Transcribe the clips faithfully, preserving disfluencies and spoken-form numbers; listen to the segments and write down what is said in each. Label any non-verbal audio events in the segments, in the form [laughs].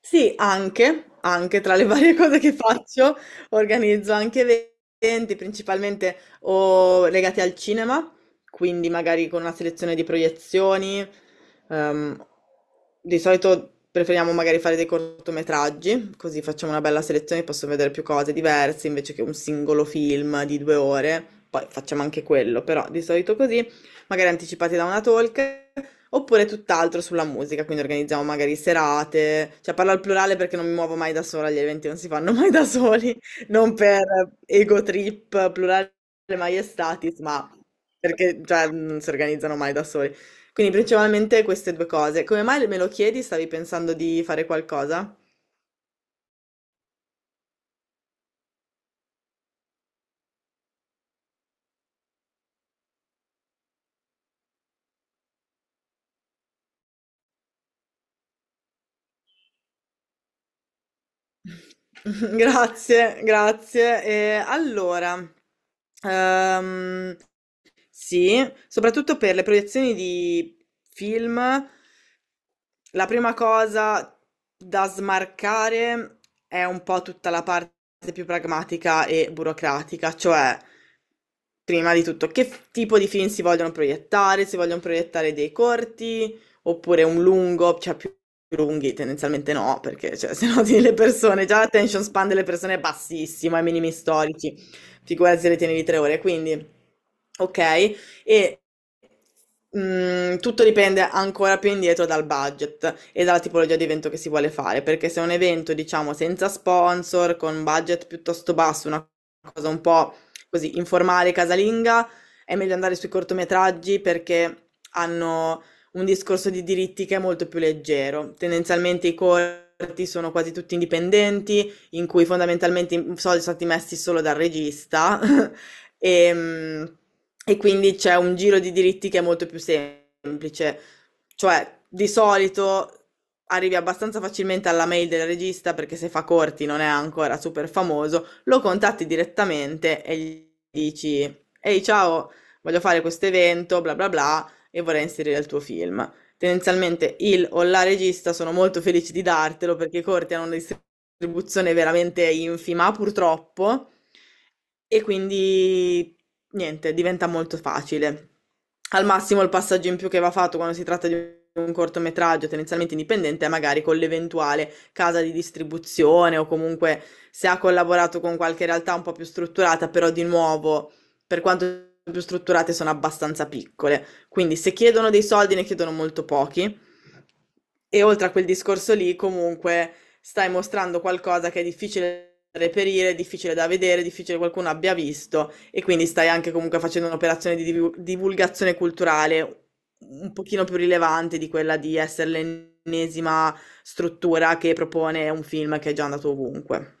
Sì, anche, anche tra le [laughs] varie cose che faccio, organizzo anche eventi, principalmente o legati al cinema, quindi magari con una selezione di proiezioni. ehm, di solito preferiamo magari fare dei cortometraggi, così facciamo una bella selezione, posso vedere più cose diverse invece che un singolo film di due ore. Poi facciamo anche quello, però di solito così, magari anticipati da una talk. Oppure tutt'altro sulla musica, quindi organizziamo magari serate, cioè parlo al plurale perché non mi muovo mai da sola, gli eventi non si fanno mai da soli, non per ego trip, plurale maiestatis, ma perché cioè, non si organizzano mai da soli. Quindi principalmente queste due cose. Come mai me lo chiedi? Stavi pensando di fare qualcosa? [laughs] Grazie, grazie. E allora, ehm, sì, soprattutto per le proiezioni di film, la prima cosa da smarcare è un po' tutta la parte più pragmatica e burocratica, cioè prima di tutto che f- tipo di film si vogliono proiettare, si vogliono proiettare dei corti, oppure un lungo, cioè più lunghi tendenzialmente no, perché cioè, [laughs] se no tieni le persone, già l'attention span delle persone è bassissimo, ai minimi storici, figurati se le tieni di tre ore, quindi ok, e mm, tutto dipende ancora più indietro dal budget e dalla tipologia di evento che si vuole fare, perché se è un evento, diciamo, senza sponsor, con un budget piuttosto basso, una cosa un po' così informale, casalinga, è meglio andare sui cortometraggi perché hanno un discorso di diritti che è molto più leggero. Tendenzialmente i corti sono quasi tutti indipendenti, in cui fondamentalmente i soldi sono stati messi solo dal regista [laughs] e, e quindi c'è un giro di diritti che è molto più semplice. Cioè, di solito arrivi abbastanza facilmente alla mail del regista perché se fa corti non è ancora super famoso, lo contatti direttamente e gli dici: Ehi, ciao, voglio fare questo evento, bla bla bla, e vorrei inserire il tuo film. Tendenzialmente il o la regista sono molto felici di dartelo perché i corti hanno dei contribuzione veramente infima, purtroppo, e quindi niente, diventa molto facile. Al massimo il passaggio in più che va fatto quando si tratta di un cortometraggio tendenzialmente indipendente è magari con l'eventuale casa di distribuzione o comunque se ha collaborato con qualche realtà un po' più strutturata, però di nuovo, per quanto più strutturate sono abbastanza piccole. Quindi se chiedono dei soldi ne chiedono molto pochi. E oltre a quel discorso lì, comunque stai mostrando qualcosa che è difficile da reperire, difficile da vedere, difficile che qualcuno abbia visto e quindi stai anche comunque facendo un'operazione di divu- divulgazione culturale un pochino più rilevante di quella di essere l'ennesima struttura che propone un film che è già andato ovunque.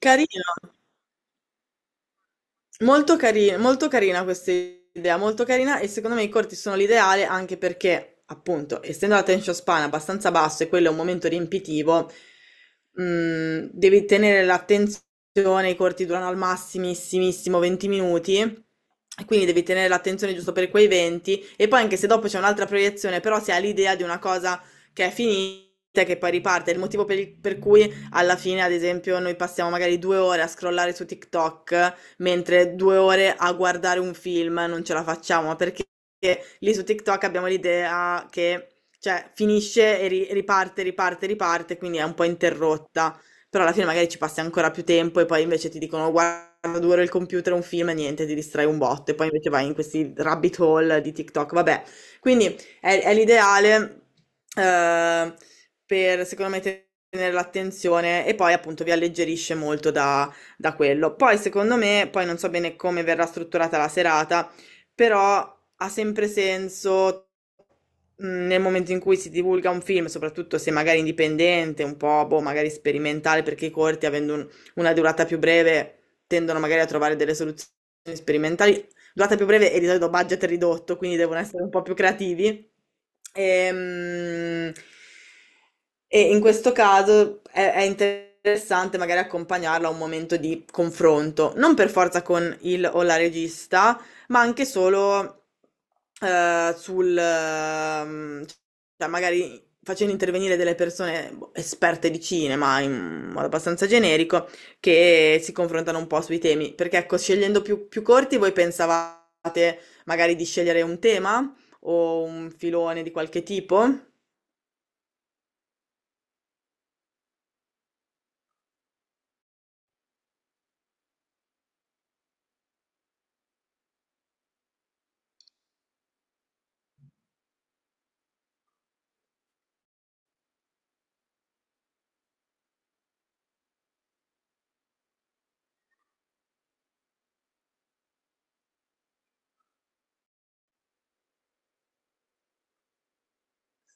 Carino. Molto carina, molto carina questa idea, molto carina e secondo me i corti sono l'ideale anche perché, appunto, essendo l'attention span abbastanza basso e quello è un momento riempitivo, mh, devi tenere l'attenzione, i corti durano al massimissimissimo venti minuti, e quindi devi tenere l'attenzione giusto per quei venti e poi anche se dopo c'è un'altra proiezione, però si ha l'idea di una cosa che è finita e che poi riparte, è il motivo per il- per cui alla fine, ad esempio, noi passiamo magari due ore a scrollare su TikTok mentre due ore a guardare un film non ce la facciamo, ma perché lì su TikTok abbiamo l'idea che cioè, finisce e ri- riparte, riparte, riparte, quindi è un po' interrotta, però alla fine magari ci passi ancora più tempo e poi invece ti dicono guarda due ore il computer, un film e niente, ti distrai un botto e poi invece vai in questi rabbit hole di TikTok, vabbè, quindi è, è l'ideale eh, per secondo me tenere l'attenzione e poi appunto vi alleggerisce molto da da quello. Poi, secondo me, poi non so bene come verrà strutturata la serata, però ha sempre senso mh, nel momento in cui si divulga un film, soprattutto se magari indipendente, un po', boh, magari sperimentale, perché i corti, avendo un- una durata più breve, tendono magari a trovare delle soluzioni sperimentali durata più breve e di solito budget ridotto, quindi devono essere un po' più creativi. Ehm, E, in questo caso è, è interessante magari accompagnarlo a un momento di confronto, non per forza con il o la regista, ma anche solo eh, sul, ehm, cioè magari facendo intervenire delle persone boh, esperte di cinema in modo abbastanza generico che si confrontano un po' sui temi, perché ecco, scegliendo più, più corti, voi pensavate magari di scegliere un tema o un filone di qualche tipo?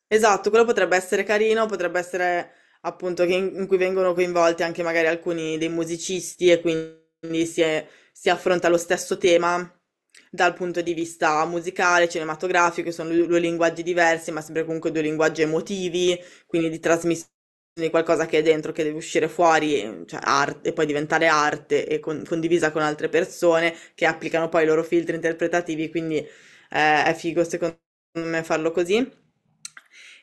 Esatto, quello potrebbe essere carino, potrebbe essere appunto che in, in cui vengono coinvolti anche magari alcuni dei musicisti e quindi si, è- si affronta lo stesso tema dal punto di vista musicale, cinematografico, sono due due linguaggi diversi, ma sempre comunque due linguaggi emotivi, quindi di trasmissione di qualcosa che è dentro, che deve uscire fuori, e- cioè arte, e poi diventare arte e con- condivisa con altre persone che applicano poi i loro filtri interpretativi, quindi eh, è figo secondo me farlo così.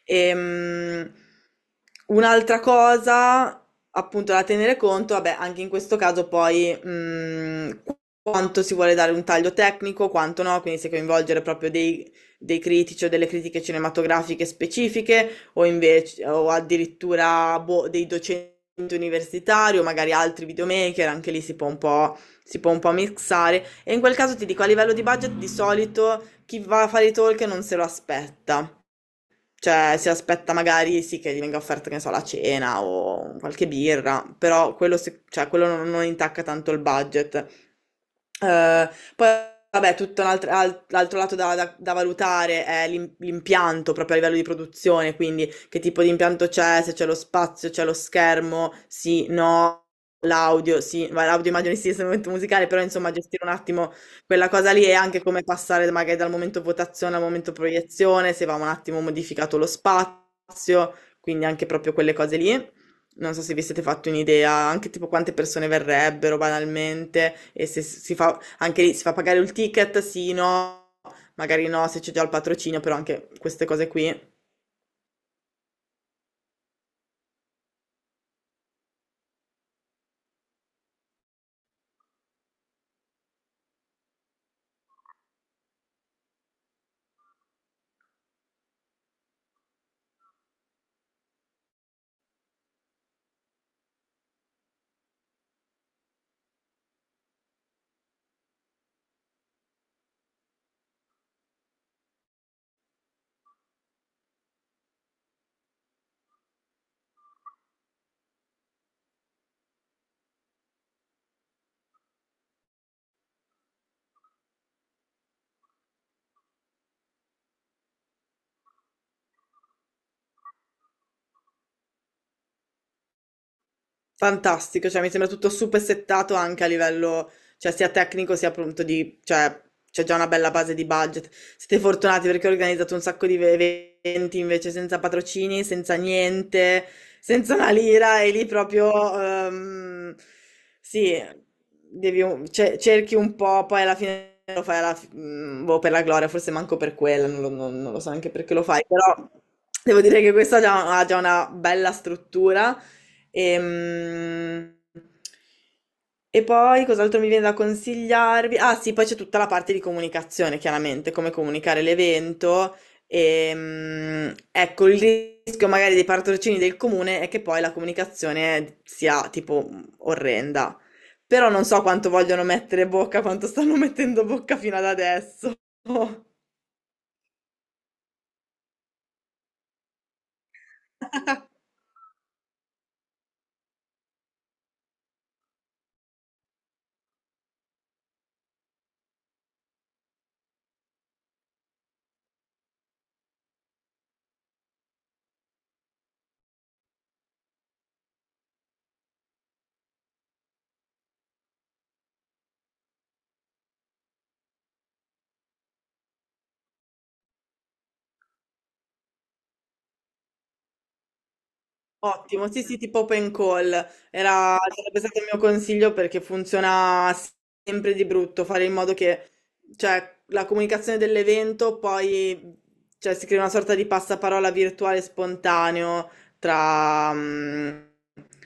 Ehm, Un'altra cosa, appunto, da tenere conto, vabbè, anche in questo caso poi mh, quanto si vuole dare un taglio tecnico, quanto no, quindi se coinvolgere proprio dei, dei critici o delle critiche cinematografiche specifiche o invece o addirittura boh, dei docenti universitari o magari altri videomaker, anche lì si può un po', si può un po' mixare. E in quel caso ti dico, a livello di budget, di solito chi va a fare i talk non se lo aspetta. Cioè, si aspetta magari sì che gli venga offerta, che ne so, la cena o qualche birra, però quello, se- cioè, quello non, non intacca tanto il budget. Eh, Poi, vabbè, tutto un alt- al- l'altro lato da, da- da valutare è l'im- l'impianto proprio a livello di produzione, quindi che tipo di impianto c'è, se c'è lo spazio, c'è lo schermo, sì, no, l'audio, sì, ma l'audio immagino sia un strumento musicale, però insomma gestire un attimo quella cosa lì è anche come passare magari dal momento votazione al momento proiezione, se va un attimo modificato lo spazio, quindi anche proprio quelle cose lì. Non so se vi siete fatti un'idea, anche tipo quante persone verrebbero banalmente e se si fa anche lì si fa pagare il ticket, sì, no, magari no, se c'è già il patrocinio, però anche queste cose qui. Fantastico, cioè mi sembra tutto super settato anche a livello, cioè sia tecnico sia appunto di, cioè c'è già una bella base di budget. Siete fortunati perché ho organizzato un sacco di ve- eventi invece senza patrocini, senza niente, senza una lira e lì proprio ehm, sì, devi un- ce- cerchi un po', poi alla fine lo fai alla fi- mm, boh, per la gloria, forse manco per quella, non lo, non- non lo so neanche perché lo fai, però devo dire che questa ha già- ha già una bella struttura. Ehm, E poi cos'altro mi viene da consigliarvi? Ah sì, poi c'è tutta la parte di comunicazione, chiaramente, come comunicare l'evento. Ehm, ecco, il rischio magari dei patrocini del comune è che poi la comunicazione sia tipo orrenda. Però non so quanto vogliono mettere bocca, quanto stanno [laughs] mettendo bocca fino ad adesso. [laughs] Ottimo, sì, sì, tipo open call. Era, sarebbe stato il mio consiglio perché funziona sempre di brutto, fare in modo che, cioè, la comunicazione dell'evento poi, cioè, si crea una sorta di passaparola virtuale spontaneo tra, mm,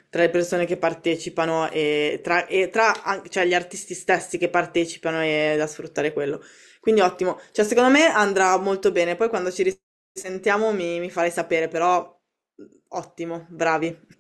tra le persone che partecipano e tra, e tra an- cioè, gli artisti stessi che partecipano e da sfruttare quello. Quindi ottimo, cioè, secondo me andrà molto bene. Poi quando ci sentiamo mi, mi farai sapere, però mm, ottimo, bravi.